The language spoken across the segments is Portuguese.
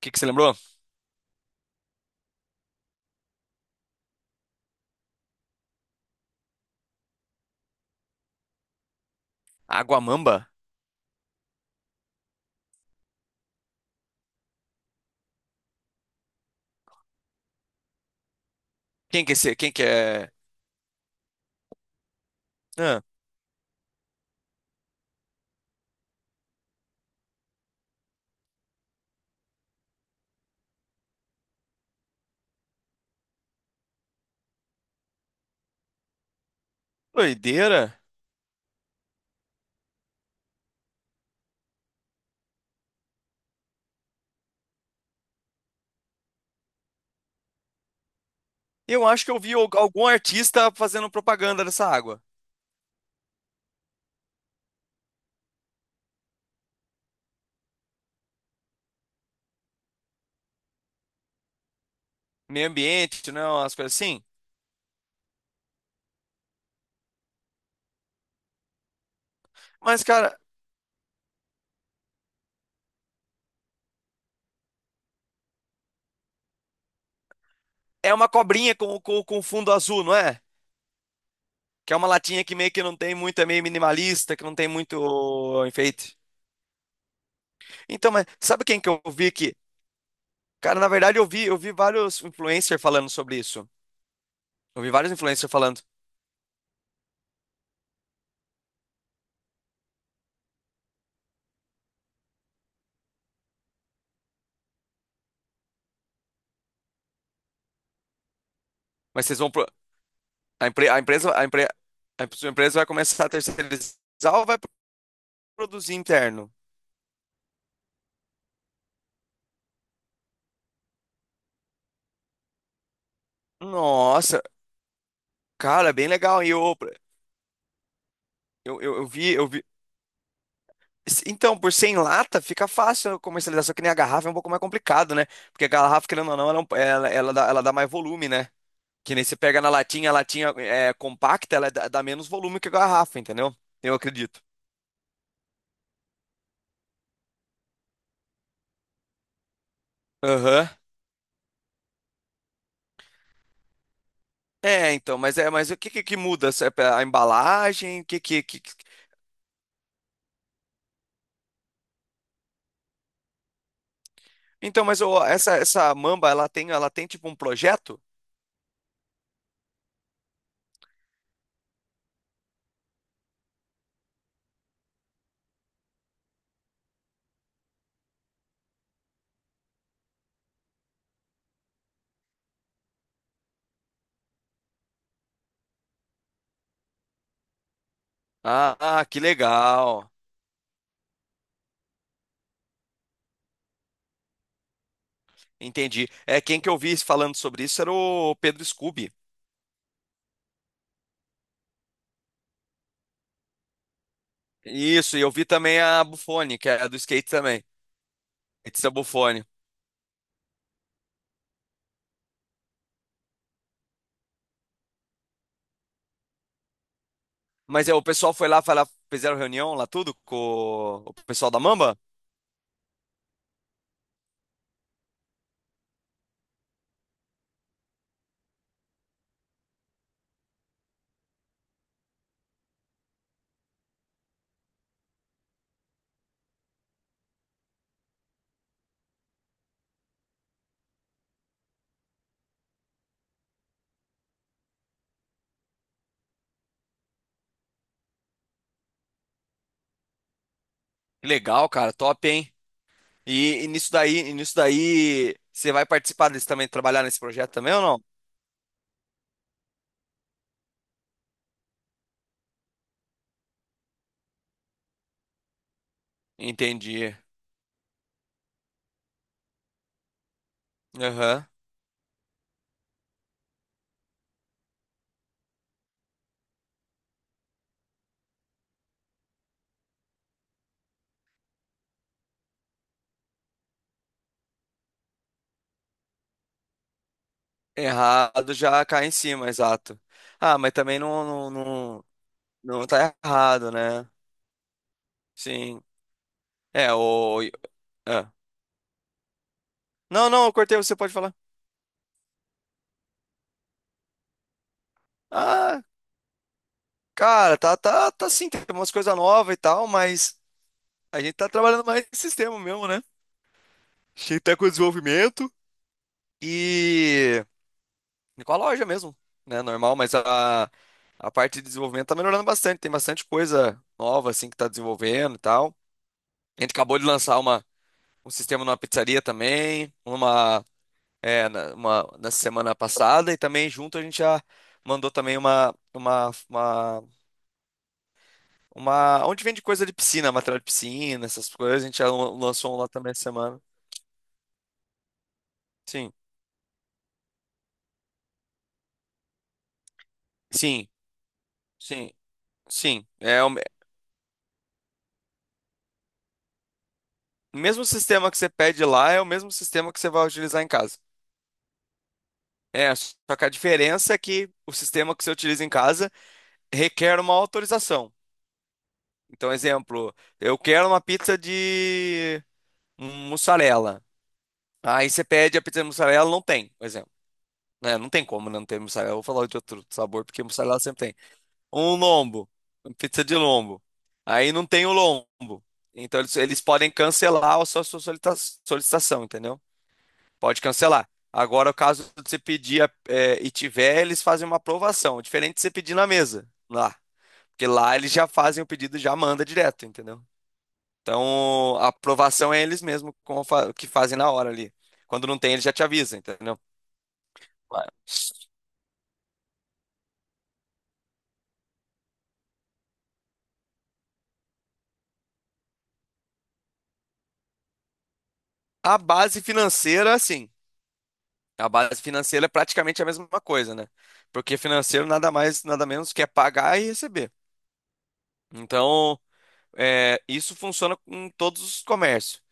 Que você lembrou? Aguamamba? Quem que é esse? Quem que é? Ah, doideira. Eu acho que eu vi algum artista fazendo propaganda dessa água. Meio ambiente, né? Umas coisas assim. Mas, cara, é uma cobrinha com, com fundo azul, não é? Que é uma latinha que meio que não tem muito, é meio minimalista, que não tem muito enfeite. Então, mas sabe quem que eu vi que. Cara, na verdade, eu vi vários influencers falando sobre isso. Eu vi vários influencers falando. Mas vocês vão pro A, empre- a empresa, a empre- a sua empresa vai começar a terceirizar ou vai produzir interno? Nossa, cara, é bem legal. E eu vi. Então, por 100 lata fica fácil a comercialização, que nem a garrafa é um pouco mais complicado, né? Porque a garrafa, querendo ou não, ela, ela dá mais volume, né? Que nem você pega na latinha, a latinha é compacta, ela dá, dá menos volume que a garrafa, entendeu? Eu acredito. Aham. É, então, mas é, mas o que que muda? Se é pra- A embalagem? O que que, que. Então, mas ô, essa Mamba, ela tem tipo um projeto? Ah, ah, que legal. Entendi. É, quem que eu vi falando sobre isso era o Pedro Scooby. Isso, e eu vi também a Buffone, que é a do skate também. It's a Buffone. Mas é, o pessoal foi lá, fizeram reunião lá tudo com o pessoal da Mamba? Que legal, cara, top, hein? E, e nisso daí, você vai participar deles também, trabalhar nesse projeto também ou não? Entendi. Aham. Errado já cai em cima, exato. Ah, mas também não, não tá errado, né? Sim. É, o. É. Não, não, eu cortei, você pode falar. Ah, cara, tá sim, tem umas coisas novas e tal, mas a gente tá trabalhando mais no sistema mesmo, né? A gente tá com o desenvolvimento e. Com a loja mesmo, né? Normal, mas a parte de desenvolvimento tá melhorando bastante, tem bastante coisa nova, assim, que tá desenvolvendo e tal. A gente acabou de lançar uma. Um sistema numa pizzaria também, uma, é, na, uma na semana passada, e também junto a gente já mandou também onde vende coisa de piscina, material de piscina, essas coisas, a gente já lançou um lá também essa semana. Sim, sim, sim, sim. O mesmo sistema que você pede lá é o mesmo sistema que você vai utilizar em casa. É, só que a diferença é que o sistema que você utiliza em casa requer uma autorização. Então, exemplo, eu quero uma pizza de um mussarela. Aí você pede a pizza de mussarela, não tem, por exemplo. Né? Não tem como não ter mussarela. Eu vou falar de outro sabor, porque mussarela sempre tem. Um lombo, pizza de lombo. Aí não tem o lombo. Então eles podem cancelar a sua, solicitação, entendeu? Pode cancelar. Agora, caso você pedir é, e tiver, eles fazem uma aprovação. Diferente de você pedir na mesa, lá. Porque lá eles já fazem o pedido, e já manda direto, entendeu? Então, a aprovação é eles mesmos que fazem na hora ali. Quando não tem, eles já te avisam, entendeu? Claro. A base financeira, sim. A base financeira é praticamente a mesma coisa, né? Porque financeiro nada mais, nada menos que é pagar e receber. Então, é, isso funciona em todos os comércios,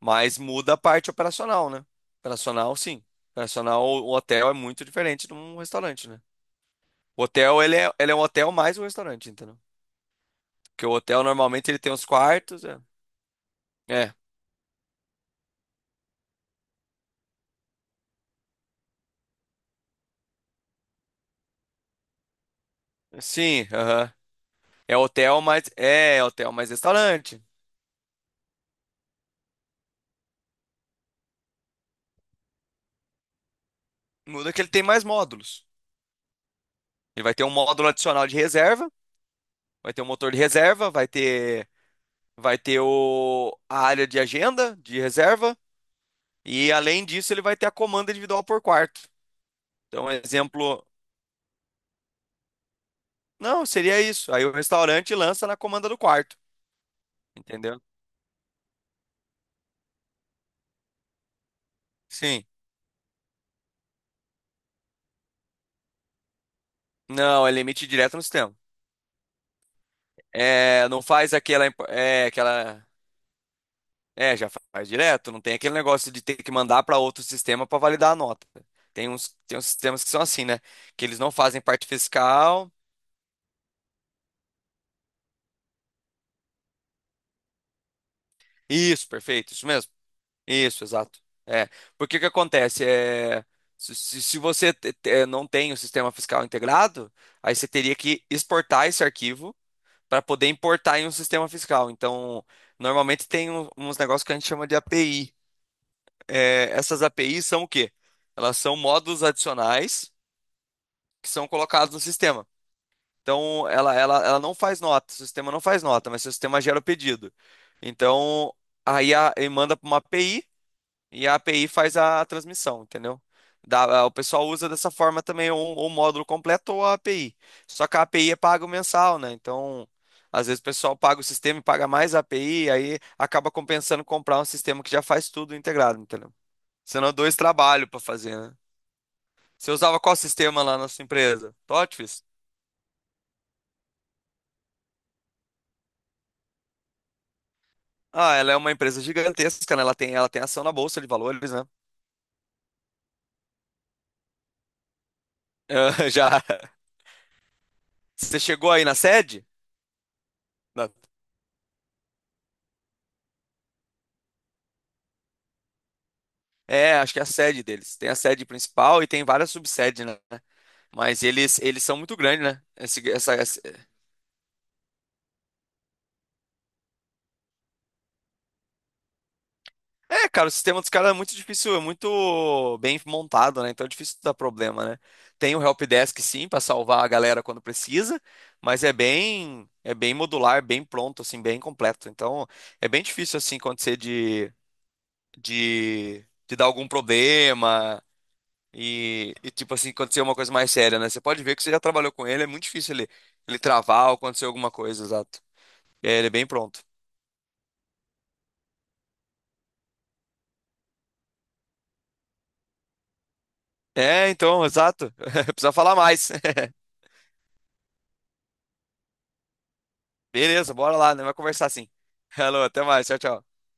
mas muda a parte operacional, né? Operacional, sim. Operacional, o hotel é muito diferente de um restaurante, né? O hotel, ele é um hotel mais um restaurante, entendeu? Porque o hotel normalmente ele tem os quartos. É. É, sim, aham. É hotel, mas é é hotel mais restaurante. Muda que ele tem mais módulos. Ele vai ter um módulo adicional de reserva, vai ter um motor de reserva, vai ter o a área de agenda de reserva e além disso ele vai ter a comanda individual por quarto. Então, um exemplo, não, seria isso. Aí o restaurante lança na comanda do quarto, entendeu? Sim. Não, é limite direto no sistema. É, não faz aquela imp- é aquela É, já faz direto, não tem aquele negócio de ter que mandar para outro sistema para validar a nota. Tem uns sistemas que são assim, né? Que eles não fazem parte fiscal. Isso, perfeito, isso mesmo. Isso, exato. É, porque o que acontece é se você não tem o sistema fiscal integrado, aí você teria que exportar esse arquivo para poder importar em um sistema fiscal. Então, normalmente tem uns negócios que a gente chama de API. É, essas APIs são o quê? Elas são módulos adicionais que são colocados no sistema. Então, ela não faz nota, o sistema não faz nota, mas o sistema gera o pedido. Então, aí a, ele manda para uma API e a API faz a transmissão, entendeu? Dá- o pessoal usa dessa forma também ou o módulo completo ou a API. Só que a API é pago mensal, né? Então, às vezes o pessoal paga o sistema e paga mais a API, aí acaba compensando comprar um sistema que já faz tudo integrado, entendeu? Senão, dois trabalhos para fazer, né? Você usava qual sistema lá na sua empresa? TOTFIS? Ah, ela é uma empresa gigantesca, né? Ela tem ação na Bolsa de Valores, né? Já. Você chegou aí na sede? Na- É, acho que é a sede deles. Tem a sede principal e tem várias subsedes, né? Mas eles são muito grandes, né? É, cara, o sistema dos caras é muito difícil, é muito bem montado, né? Então é difícil dar problema, né? Tem o helpdesk, sim, para salvar a galera quando precisa, mas é bem modular, bem pronto, assim, bem completo. Então é bem difícil, assim, acontecer de de dar algum problema e, tipo assim, acontecer uma coisa mais séria, né? Você pode ver que você já trabalhou com ele, é muito difícil ele, ele travar ou acontecer alguma coisa, exato. É, ele é bem pronto. É, então, exato. Precisa falar mais. Beleza, bora lá, né? Vai conversar sim. Alô, até mais, tchau, tchau.